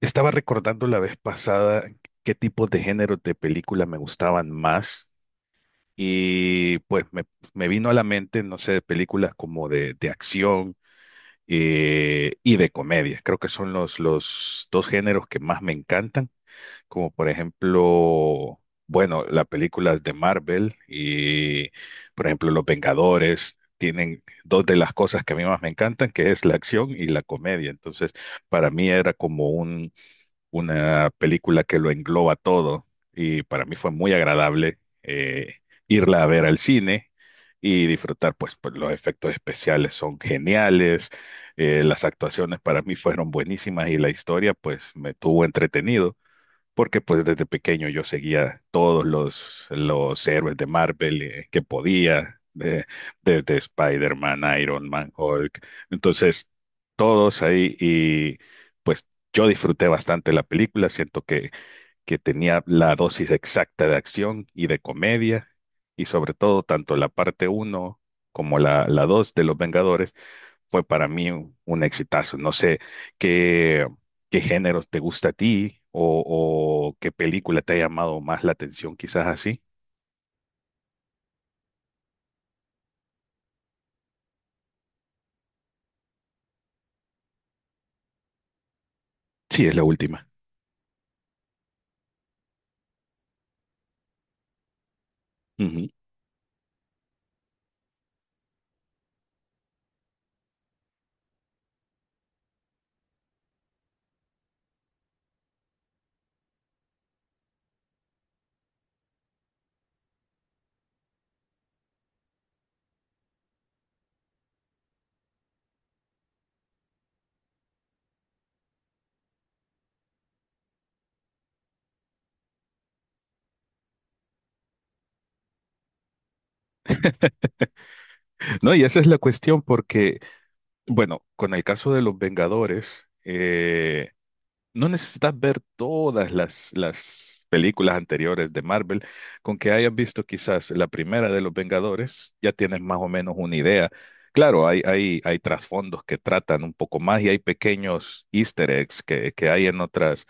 Estaba recordando la vez pasada qué tipos de géneros de películas me gustaban más y me vino a la mente, no sé, películas como de acción y de comedia. Creo que son los dos géneros que más me encantan, como por ejemplo, bueno, las películas de Marvel y por ejemplo Los Vengadores. Tienen dos de las cosas que a mí más me encantan, que es la acción y la comedia. Entonces, para mí era como un, una película que lo engloba todo y para mí fue muy agradable, irla a ver al cine y disfrutar, pues los efectos especiales son geniales. Las actuaciones para mí fueron buenísimas y la historia pues me tuvo entretenido porque pues desde pequeño yo seguía todos los héroes de Marvel, que podía, de Spider-Man, Iron Man, Hulk. Entonces, todos ahí, y pues yo disfruté bastante la película. Siento que tenía la dosis exacta de acción y de comedia, y sobre todo tanto la parte uno como la 2 de Los Vengadores fue para mí un exitazo. No sé qué, qué géneros te gusta a ti, o qué película te ha llamado más la atención, quizás así. Sí, es la última. Ujú. No, y esa es la cuestión porque, bueno, con el caso de los Vengadores, no necesitas ver todas las películas anteriores de Marvel. Con que hayas visto quizás la primera de Los Vengadores, ya tienes más o menos una idea. Claro, hay trasfondos que tratan un poco más, y hay pequeños easter eggs que hay en otras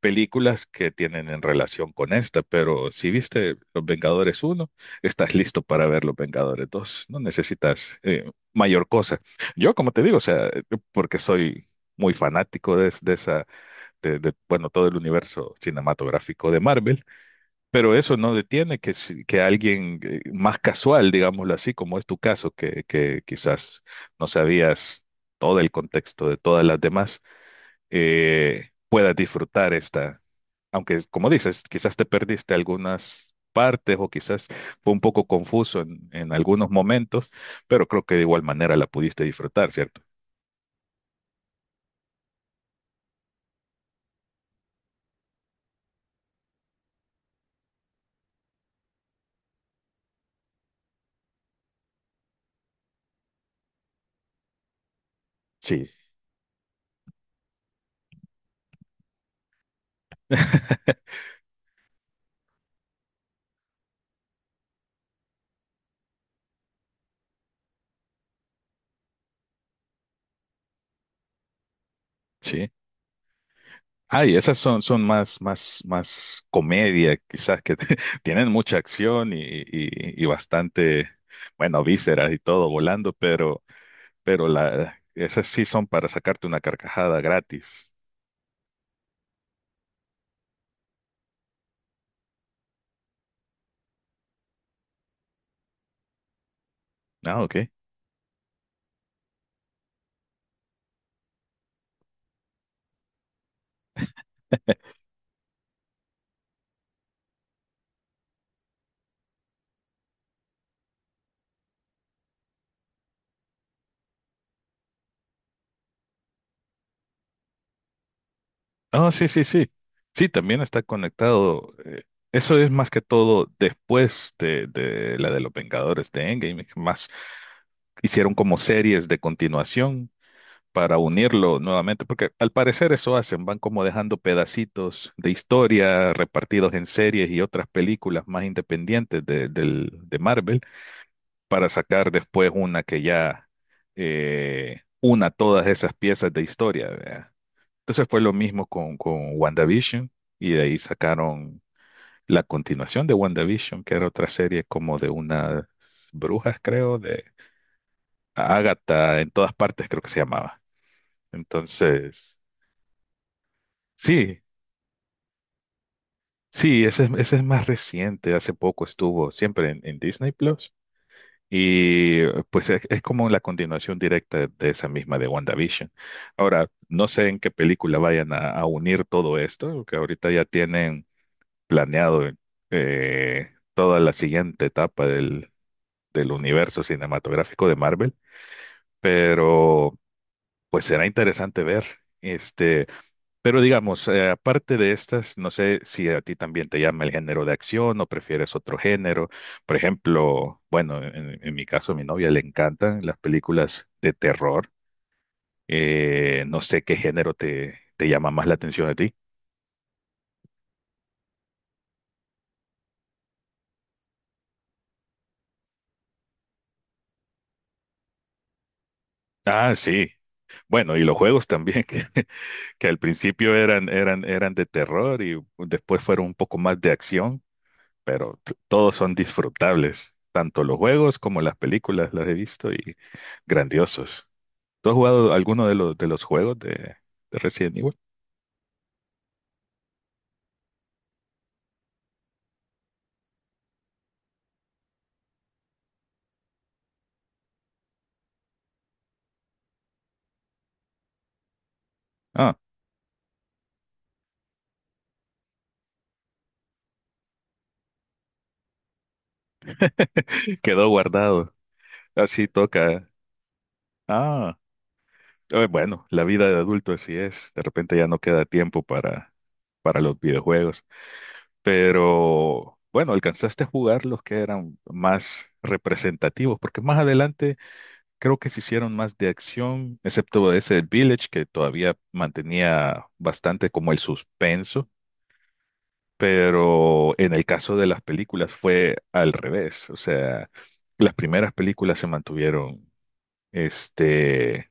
películas que tienen en relación con esta, pero si viste Los Vengadores uno, estás listo para ver Los Vengadores 2. No necesitas, mayor cosa. Yo, como te digo, o sea, porque soy muy fanático de esa, bueno, todo el universo cinematográfico de Marvel, pero eso no detiene que, que alguien, más casual, digámoslo así, como es tu caso, que quizás no sabías todo el contexto de todas las demás, puedas disfrutar esta, aunque como dices, quizás te perdiste algunas partes o quizás fue un poco confuso en algunos momentos, pero creo que de igual manera la pudiste disfrutar, ¿cierto? Sí, sí. Ay, esas son, más comedia, quizás, que te- tienen mucha acción y, y bastante, bueno, vísceras y todo volando, pero, esas sí son para sacarte una carcajada gratis. Ah, ok. Oh, sí, sí, sí. Sí, también está conectado. Eso es más que todo después de la de los Vengadores de Endgame, que más hicieron como series de continuación para unirlo nuevamente, porque al parecer eso hacen, van como dejando pedacitos de historia repartidos en series y otras películas más independientes de Marvel, para sacar después una que ya, una todas esas piezas de historia, ¿verdad? Entonces fue lo mismo con WandaVision, y de ahí sacaron la continuación de WandaVision, que era otra serie como de unas brujas, creo, de Agatha en todas partes, creo que se llamaba. Entonces... Sí, sí, ese es más reciente. Hace poco estuvo siempre en Disney Plus, y pues es como la continuación directa de esa misma de WandaVision. Ahora, no sé en qué película vayan a unir todo esto, que ahorita ya tienen planeado, toda la siguiente etapa del universo cinematográfico de Marvel, pero pues será interesante ver. Este, pero digamos, aparte de estas, no sé si a ti también te llama el género de acción o prefieres otro género. Por ejemplo, bueno, en mi caso, a mi novia le encantan las películas de terror. No sé qué género te llama más la atención a ti. Ah, sí. Bueno, y los juegos también, que, que al principio eran de terror y después fueron un poco más de acción, pero todos son disfrutables. Tanto los juegos como las películas las he visto, y grandiosos. ¿Tú has jugado alguno de de los juegos de Resident Evil? Ah, quedó guardado. Así toca. Ah, bueno, la vida de adulto así es. De repente ya no queda tiempo para los videojuegos. Pero bueno, alcanzaste a jugar los que eran más representativos, porque más adelante creo que se hicieron más de acción, excepto ese Village, que todavía mantenía bastante como el suspenso. Pero en el caso de las películas fue al revés. O sea, las primeras películas se mantuvieron, este,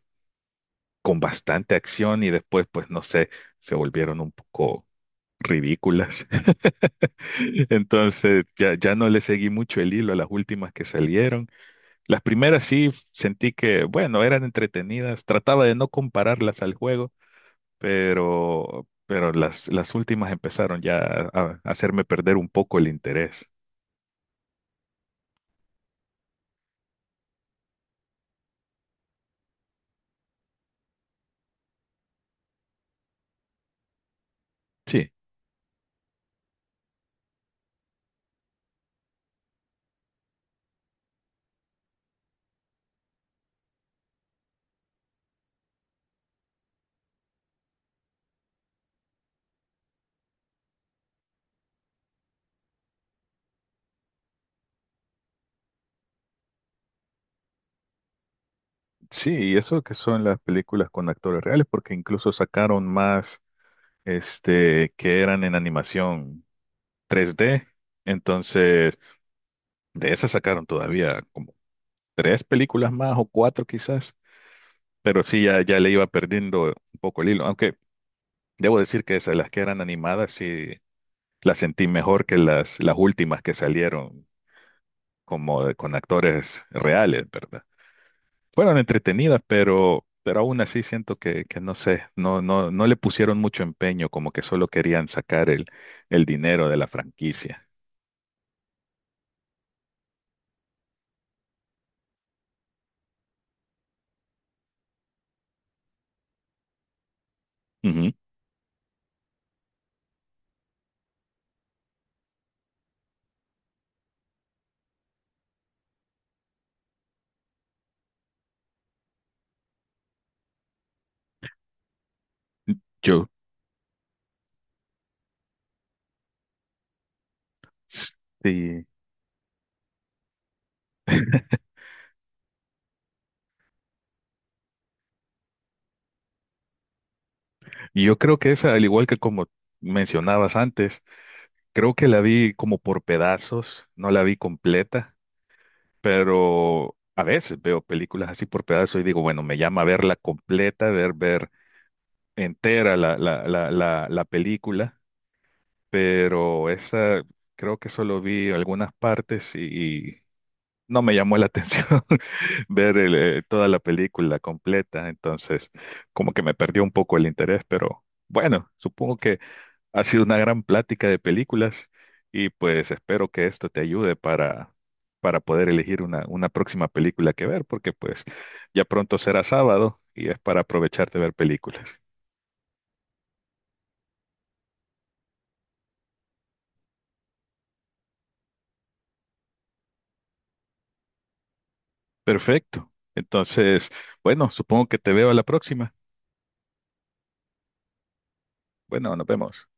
con bastante acción, y después, pues no sé, se volvieron un poco ridículas. Entonces, ya, ya no le seguí mucho el hilo a las últimas que salieron. Las primeras sí sentí que, bueno, eran entretenidas. Trataba de no compararlas al juego, pero las últimas empezaron ya a hacerme perder un poco el interés. Sí. Sí, y eso que son las películas con actores reales, porque incluso sacaron más, este, que eran en animación 3D. Entonces, de esas sacaron todavía como tres películas más o cuatro quizás, pero sí, ya, ya le iba perdiendo un poco el hilo. Aunque debo decir que esas, las que eran animadas, sí las sentí mejor que las últimas que salieron como con actores reales, ¿verdad? Fueron entretenidas, pero aún así siento que no sé, no le pusieron mucho empeño, como que solo querían sacar el dinero de la franquicia. Ujú. Yo, sí. Y yo creo que esa, al igual que como mencionabas antes, creo que la vi como por pedazos, no la vi completa, pero a veces veo películas así por pedazos y digo, bueno, me llama a verla completa, ver entera la película, pero esa creo que solo vi algunas partes, y no me llamó la atención ver toda la película completa. Entonces, como que me perdió un poco el interés, pero bueno, supongo que ha sido una gran plática de películas, y pues espero que esto te ayude para poder elegir una próxima película que ver, porque pues ya pronto será sábado y es para aprovechar de ver películas. Perfecto. Entonces, bueno, supongo que te veo a la próxima. Bueno, nos vemos.